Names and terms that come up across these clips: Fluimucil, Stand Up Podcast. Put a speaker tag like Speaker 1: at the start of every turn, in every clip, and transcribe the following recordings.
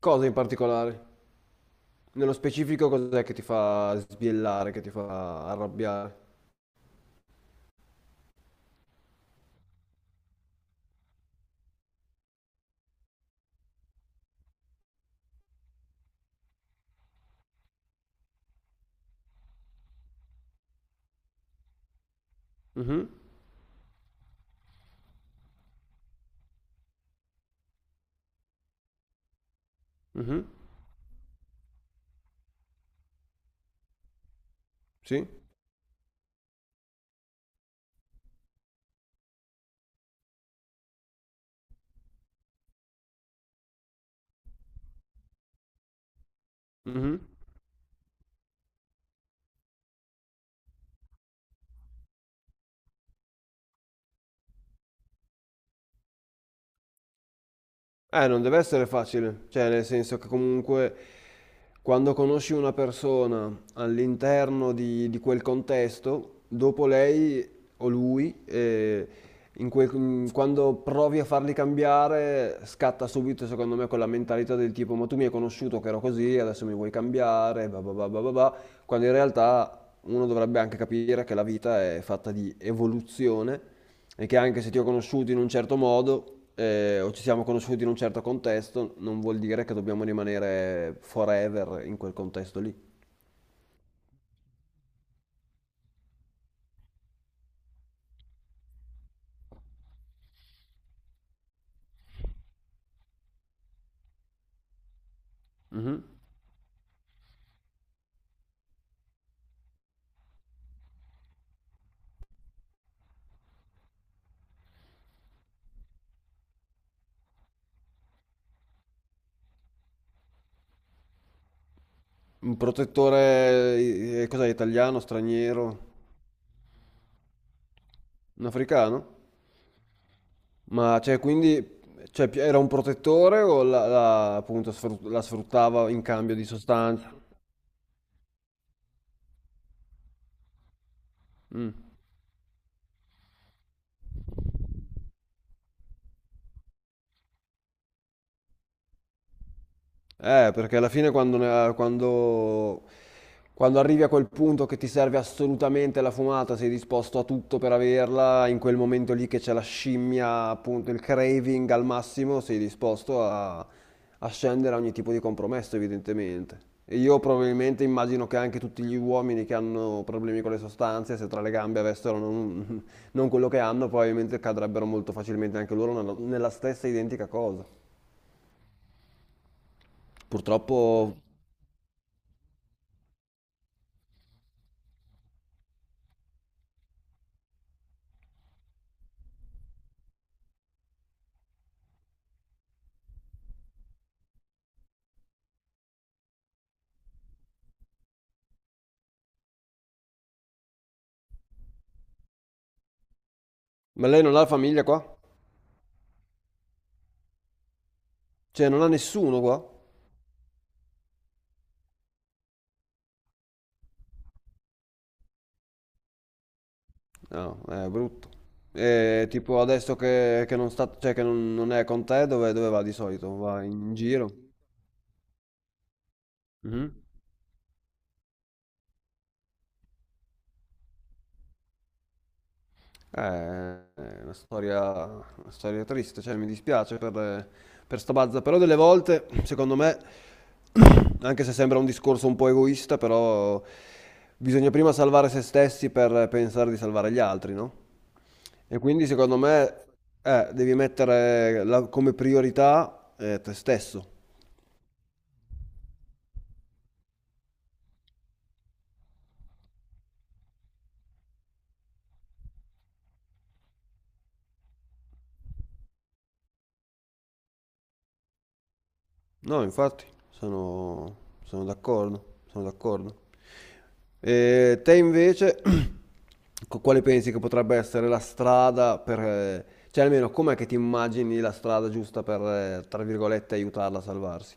Speaker 1: Cosa in particolare? Nello specifico cos'è che ti fa sbiellare, che ti fa arrabbiare? Mhm. Mhm. Sì? Mhm. Non deve essere facile, cioè nel senso che comunque quando conosci una persona all'interno di quel contesto, dopo lei o lui, quando provi a farli cambiare, scatta subito secondo me quella mentalità del tipo ma tu mi hai conosciuto che ero così, adesso mi vuoi cambiare, bah bah bah bah bah bah, quando in realtà uno dovrebbe anche capire che la vita è fatta di evoluzione e che anche se ti ho conosciuto in un certo modo o ci siamo conosciuti in un certo contesto, non vuol dire che dobbiamo rimanere forever in quel contesto lì. Mhm. Un protettore, cos'è, italiano, straniero, un africano? Ma cioè, quindi cioè, era un protettore o appunto la sfruttava in cambio di sostanze? Mm. Perché alla fine quando arrivi a quel punto che ti serve assolutamente la fumata, sei disposto a tutto per averla, in quel momento lì che c'è la scimmia, appunto il craving al massimo, sei disposto a, a scendere a ogni tipo di compromesso, evidentemente. E io probabilmente immagino che anche tutti gli uomini che hanno problemi con le sostanze, se tra le gambe avessero non, non quello che hanno, probabilmente cadrebbero molto facilmente anche loro nella stessa identica cosa. Purtroppo. Ma lei non ha la famiglia qua? Cioè, non ha nessuno qua? No, è brutto. E tipo adesso che non sta, cioè che non, non è con te, dove, dove va di solito? Va in giro? Mhm. È una storia triste, cioè mi dispiace per sta bazza, però delle volte, secondo me, anche se sembra un discorso un po' egoista, però bisogna prima salvare se stessi per pensare di salvare gli altri, no? E quindi secondo me devi mettere come priorità te stesso. No, infatti, sono, sono d'accordo, sono d'accordo. E te invece, quale pensi che potrebbe essere la strada per... cioè, almeno com'è che ti immagini la strada giusta per, tra virgolette, aiutarla a salvarsi?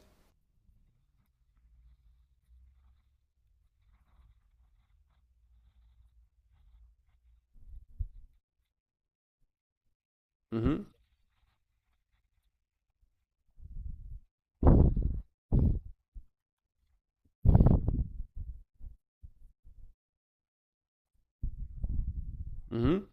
Speaker 1: Mhm. Mhm.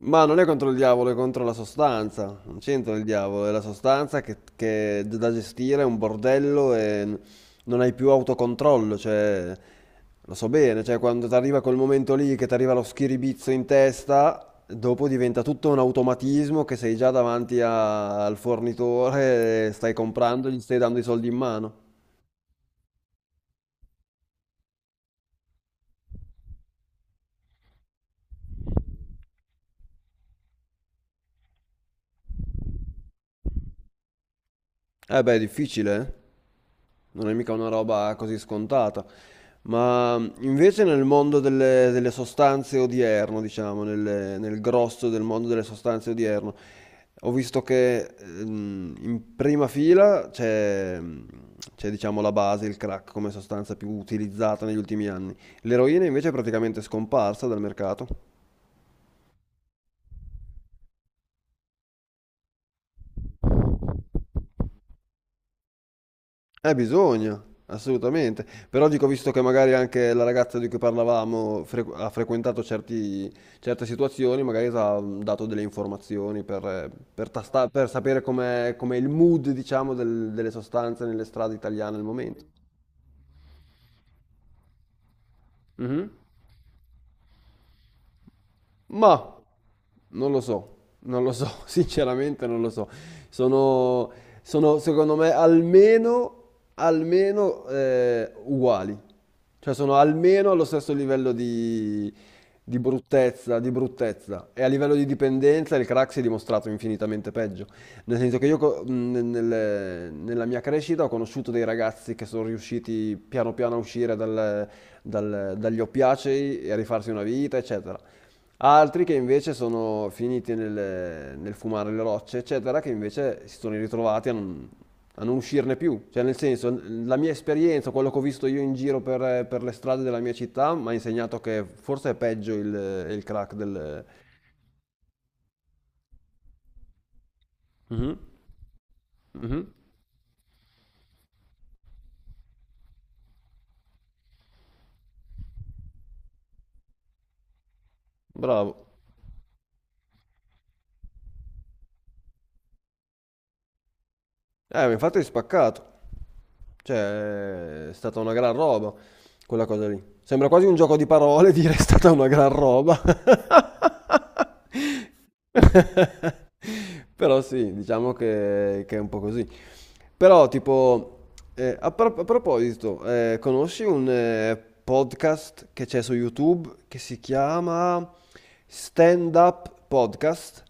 Speaker 1: Ma non è contro il diavolo, è contro la sostanza. Non c'entra il diavolo, è la sostanza che è da gestire, è un bordello e non hai più autocontrollo. Cioè, lo so bene, cioè, quando ti arriva quel momento lì che ti arriva lo schiribizzo in testa, dopo diventa tutto un automatismo che sei già davanti al fornitore, stai comprando, gli stai dando i soldi in mano. Eh beh, è difficile, eh? Non è mica una roba così scontata. Ma invece nel mondo delle, delle sostanze odierno, diciamo, nel grosso del mondo delle sostanze odierno, ho visto che in prima fila c'è, c'è, diciamo, la base, il crack come sostanza più utilizzata negli ultimi anni. L'eroina invece è praticamente scomparsa dal mercato. Bisogna, assolutamente. Però dico, visto che magari anche la ragazza di cui parlavamo ha frequentato certe situazioni, magari ti ha dato delle informazioni per per sapere com'è, com'è il mood, diciamo, delle sostanze nelle strade italiane al momento. Mhm. Ma non lo so, non lo so, sinceramente non lo so. Sono, sono, secondo me almeno, almeno uguali. Cioè sono almeno allo stesso livello di bruttezza, di bruttezza. E a livello di dipendenza il crack si è dimostrato infinitamente peggio. Nel senso che io co- nel- nel- nella mia crescita ho conosciuto dei ragazzi che sono riusciti piano piano a uscire dagli oppiacei e a rifarsi una vita, eccetera. Altri che invece sono finiti nel fumare le rocce, eccetera, che invece si sono ritrovati a non uscirne più. Cioè, nel senso, la mia esperienza, quello che ho visto io in giro per le strade della mia città, mi ha insegnato che forse è peggio il crack del... Mhm. Mhm. Bravo. Ma infatti è spaccato. Cioè, è stata una gran roba quella cosa lì. Sembra quasi un gioco di parole dire è stata una gran roba. Però sì, diciamo che è un po' così. Però, tipo, a proposito, conosci un podcast che c'è su YouTube che si chiama Stand Up Podcast?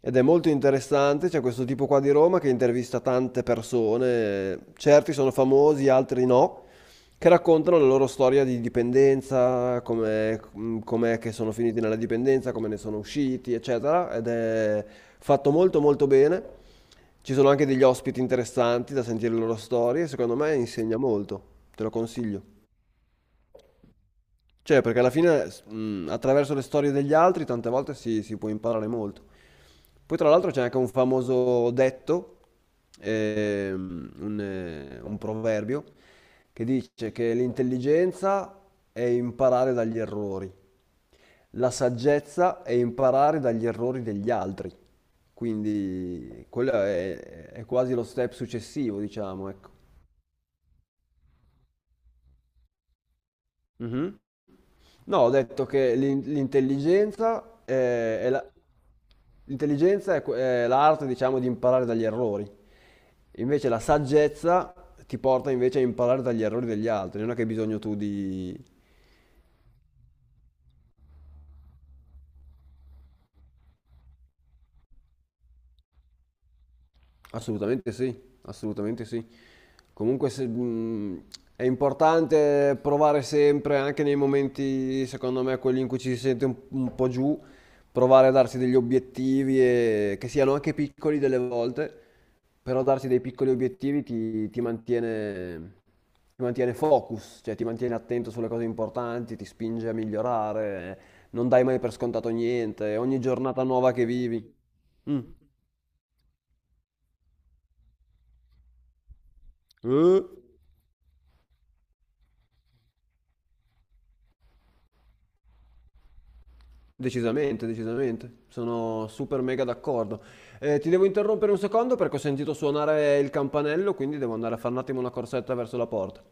Speaker 1: Ed è molto interessante, c'è questo tipo qua di Roma che intervista tante persone, certi sono famosi, altri no, che raccontano la loro storia di dipendenza, com'è, com'è che sono finiti nella dipendenza, come ne sono usciti, eccetera, ed è fatto molto molto bene. Ci sono anche degli ospiti interessanti da sentire le loro storie, secondo me insegna molto, te lo consiglio. Cioè, perché alla fine, attraverso le storie degli altri, tante volte si può imparare molto. Poi, tra l'altro, c'è anche un famoso detto, un proverbio, che dice che l'intelligenza è imparare dagli errori, la saggezza è imparare dagli errori degli altri. Quindi, quello è quasi lo step successivo, diciamo, ecco. Mhm. No, ho detto che l'intelligenza è l'intelligenza è l'arte, diciamo, di imparare dagli errori. Invece la saggezza ti porta invece a imparare dagli errori degli altri. Non è che hai bisogno tu di, assolutamente sì, assolutamente sì. Comunque è importante provare sempre, anche nei momenti, secondo me, quelli in cui ci si sente un po' giù, provare a darsi degli obiettivi, che siano anche piccoli delle volte, però darsi dei piccoli obiettivi ti, ti mantiene focus, cioè ti mantiene attento sulle cose importanti, ti spinge a migliorare, non dai mai per scontato niente, ogni giornata nuova che vivi. Mm. Eh? Decisamente, decisamente, sono super mega d'accordo. Ti devo interrompere un secondo perché ho sentito suonare il campanello, quindi devo andare a fare un attimo una corsetta verso la porta.